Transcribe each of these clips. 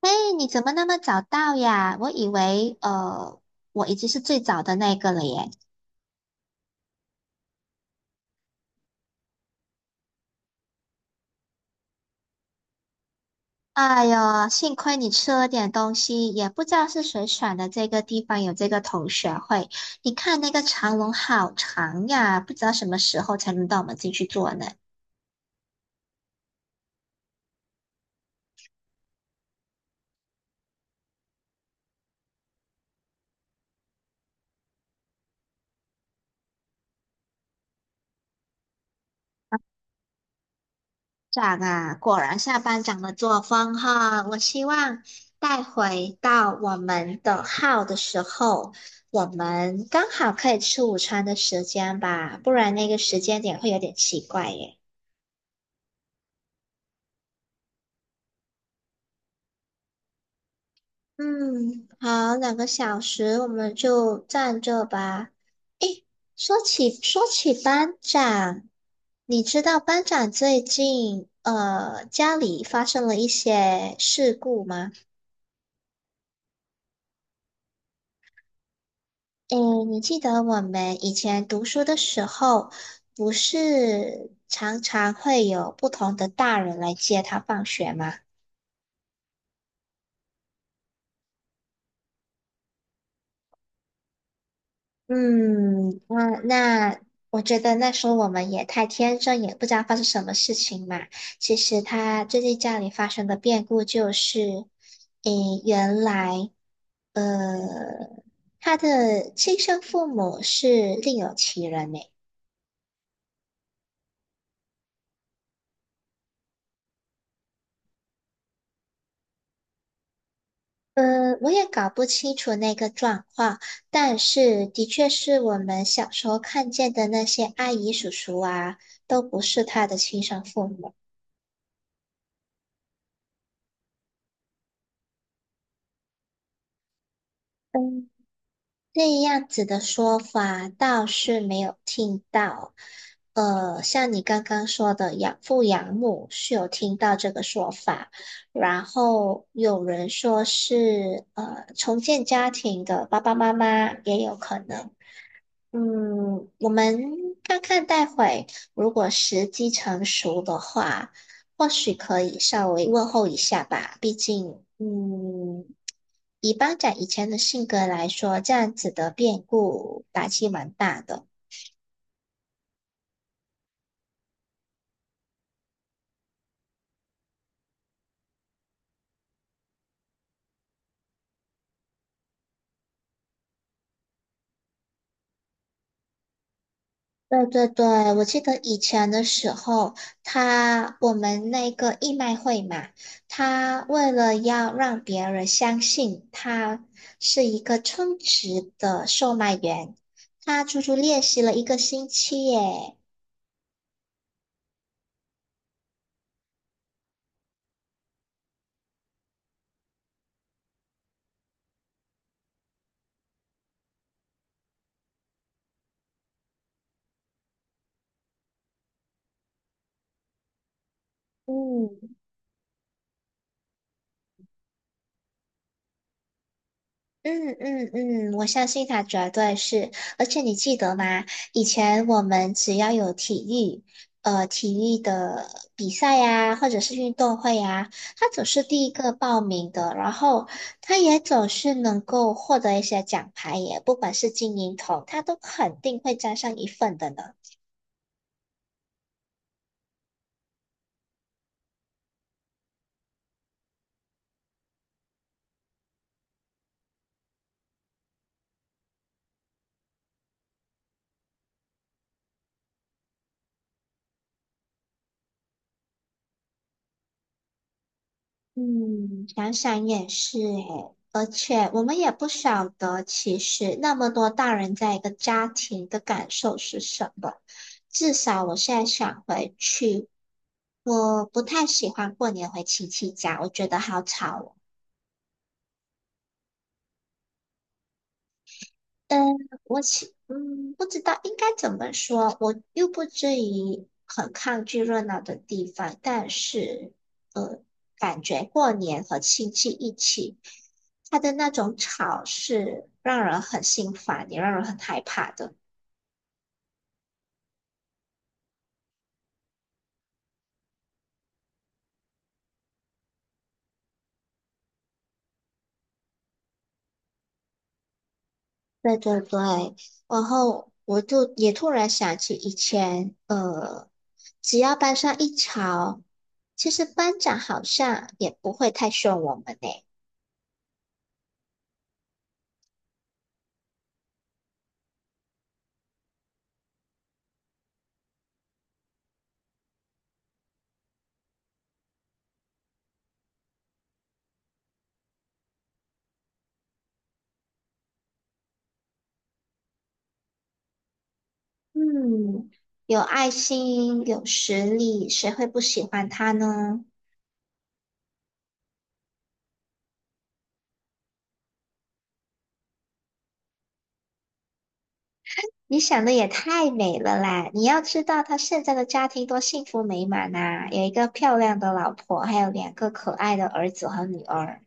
哎，你怎么那么早到呀？我以为我已经是最早的那个了耶。哎呦，幸亏你吃了点东西，也不知道是谁选的这个地方有这个同学会。你看那个长龙好长呀，不知道什么时候才能到我们进去坐呢。长啊，果然下班长的作风哈。我希望带回到我们的号的时候，我们刚好可以吃午餐的时间吧，不然那个时间点会有点奇怪耶。嗯，好，两个小时我们就站这吧。诶，说起班长，你知道班长最近家里发生了一些事故吗？诶，你记得我们以前读书的时候，不是常常会有不同的大人来接他放学吗？嗯，那我觉得那时候我们也太天真，也不知道发生什么事情嘛。其实他最近家里发生的变故就是，诶，原来呃，他的亲生父母是另有其人呢。呃，我也搞不清楚那个状况，但是的确是我们小时候看见的那些阿姨叔叔啊，都不是他的亲生父母。嗯，这样子的说法倒是没有听到。呃，像你刚刚说的养父养母是有听到这个说法，然后有人说是重建家庭的爸爸妈妈也有可能。嗯，我们看看待会，如果时机成熟的话，或许可以稍微问候一下吧。毕竟，嗯，以班长以前的性格来说，这样子的变故打击蛮大的。对对对，我记得以前的时候，他我们那个义卖会嘛，他为了要让别人相信他是一个称职的售卖员，他足足练习了一个星期耶。嗯嗯嗯嗯，我相信他绝对是。而且你记得吗？以前我们只要有育，体育的比赛呀，或者是运动会呀，他总是第一个报名的，然后他也总是能够获得一些奖牌耶，不管是金银铜，他都肯定会沾上一份的呢。嗯，想想也是诶，而且我们也不晓得，其实那么多大人在一个家庭的感受是什么。至少我现在想回去，我不太喜欢过年回亲戚家，我觉得好吵哦。嗯，我不知道应该怎么说，我又不至于很抗拒热闹的地方，但是呃，感觉过年和亲戚一起，他的那种吵是让人很心烦，也让人很害怕的。对对对，然后我就也突然想起以前，只要班上一吵，其实班长好像也不会太凶我们呢。嗯，有爱心，有实力，谁会不喜欢他呢？你想的也太美了啦！你要知道，他现在的家庭多幸福美满呐、有一个漂亮的老婆，还有两个可爱的儿子和女儿。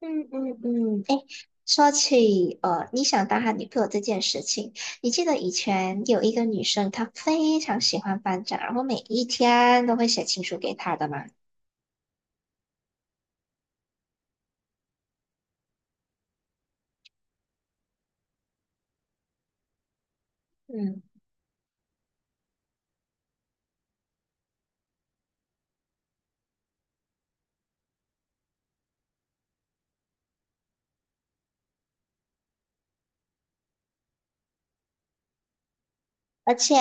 嗯嗯嗯，诶，说起你想当他女朋友这件事情，你记得以前有一个女生，她非常喜欢班长，然后每一天都会写情书给他的吗？嗯。而且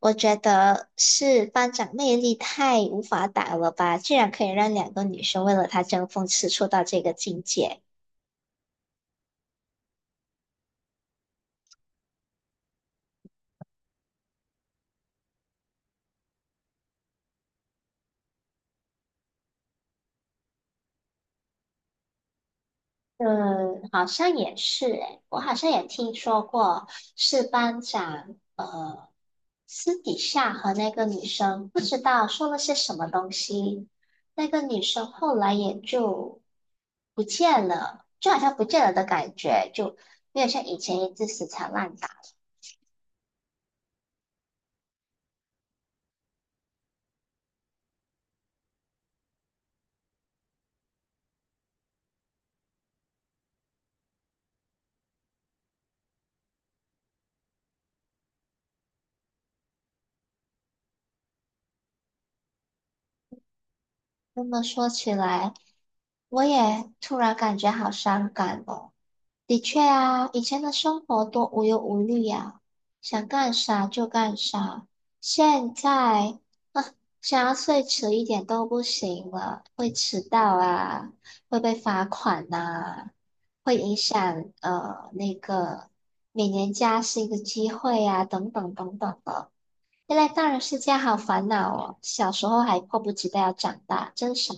我觉得是班长魅力太无法挡了吧，居然可以让两个女生为了他争风吃醋到这个境界。嗯，好像也是诶，我好像也听说过，是班长私底下和那个女生不知道说了些什么东西，那个女生后来也就不见了，就好像不见了的感觉，就没有像以前一直死缠烂打。这么说起来，我也突然感觉好伤感哦。的确啊，以前的生活多无忧无虑呀、想干啥就干啥。现在，啊，想要睡迟一点都不行了，会迟到啊，会被罚款呐、会影响那个每年加薪的机会呀、等等等等的。现在大人世界好烦恼哦，小时候还迫不及待要长大，真傻。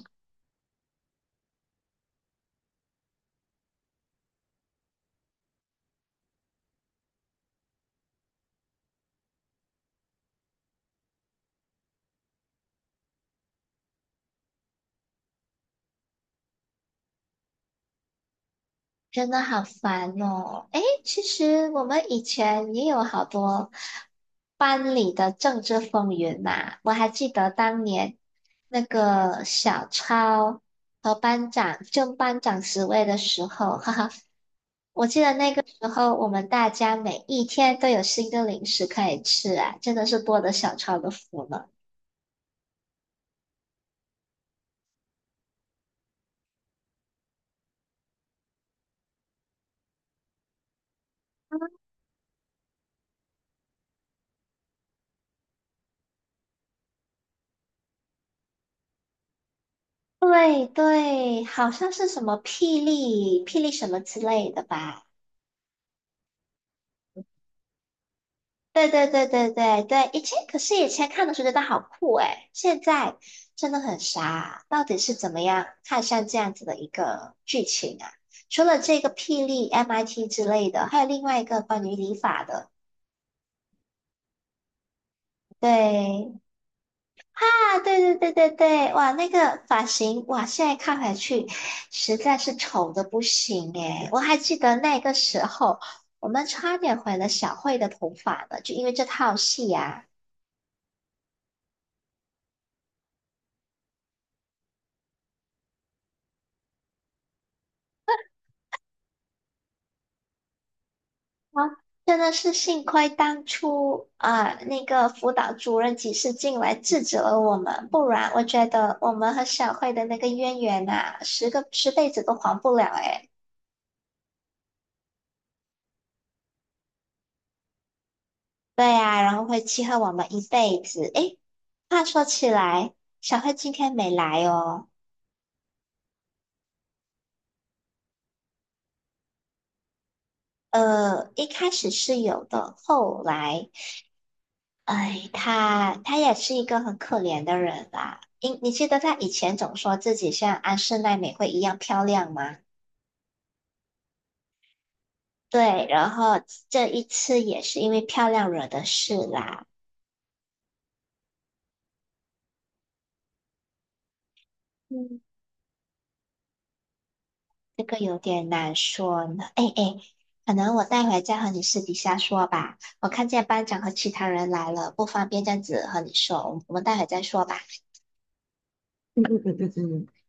真的好烦哦！诶，其实我们以前也有好多班里的政治风云呐、我还记得当年那个小超和班长争班长职位的时候，哈哈，我记得那个时候我们大家每一天都有新的零食可以吃啊，真的是多得小超的福了。对对，好像是什么霹雳什么之类的吧。对对对对对对，以前可是以前看的时候觉得好酷诶，现在真的很傻，到底是怎么样看上这样子的一个剧情啊？除了这个霹雳 MIT 之类的，还有另外一个关于理发的，对啊，对对对对对，哇，那个发型哇，现在看回去实在是丑的不行诶，我还记得那个时候我们差点毁了小慧的头发呢，就因为这套戏呀、啊，真的是幸亏当初啊，那个辅导主任及时进来制止了我们，不然我觉得我们和小慧的那个渊源呐、十个十辈子都还不了诶。对呀、然后会记恨我们一辈子。诶，话说起来，小慧今天没来哦。呃，一开始是有的，后来，哎，她也是一个很可怜的人啦。你记得她以前总说自己像安室奈美惠一样漂亮吗？对，然后这一次也是因为漂亮惹的事啦，嗯，这个有点难说呢。哎哎，可能我待会再和你私底下说吧。我看见班长和其他人来了，不方便这样子和你说，我们待会再说吧。嗯嗯嗯嗯嗯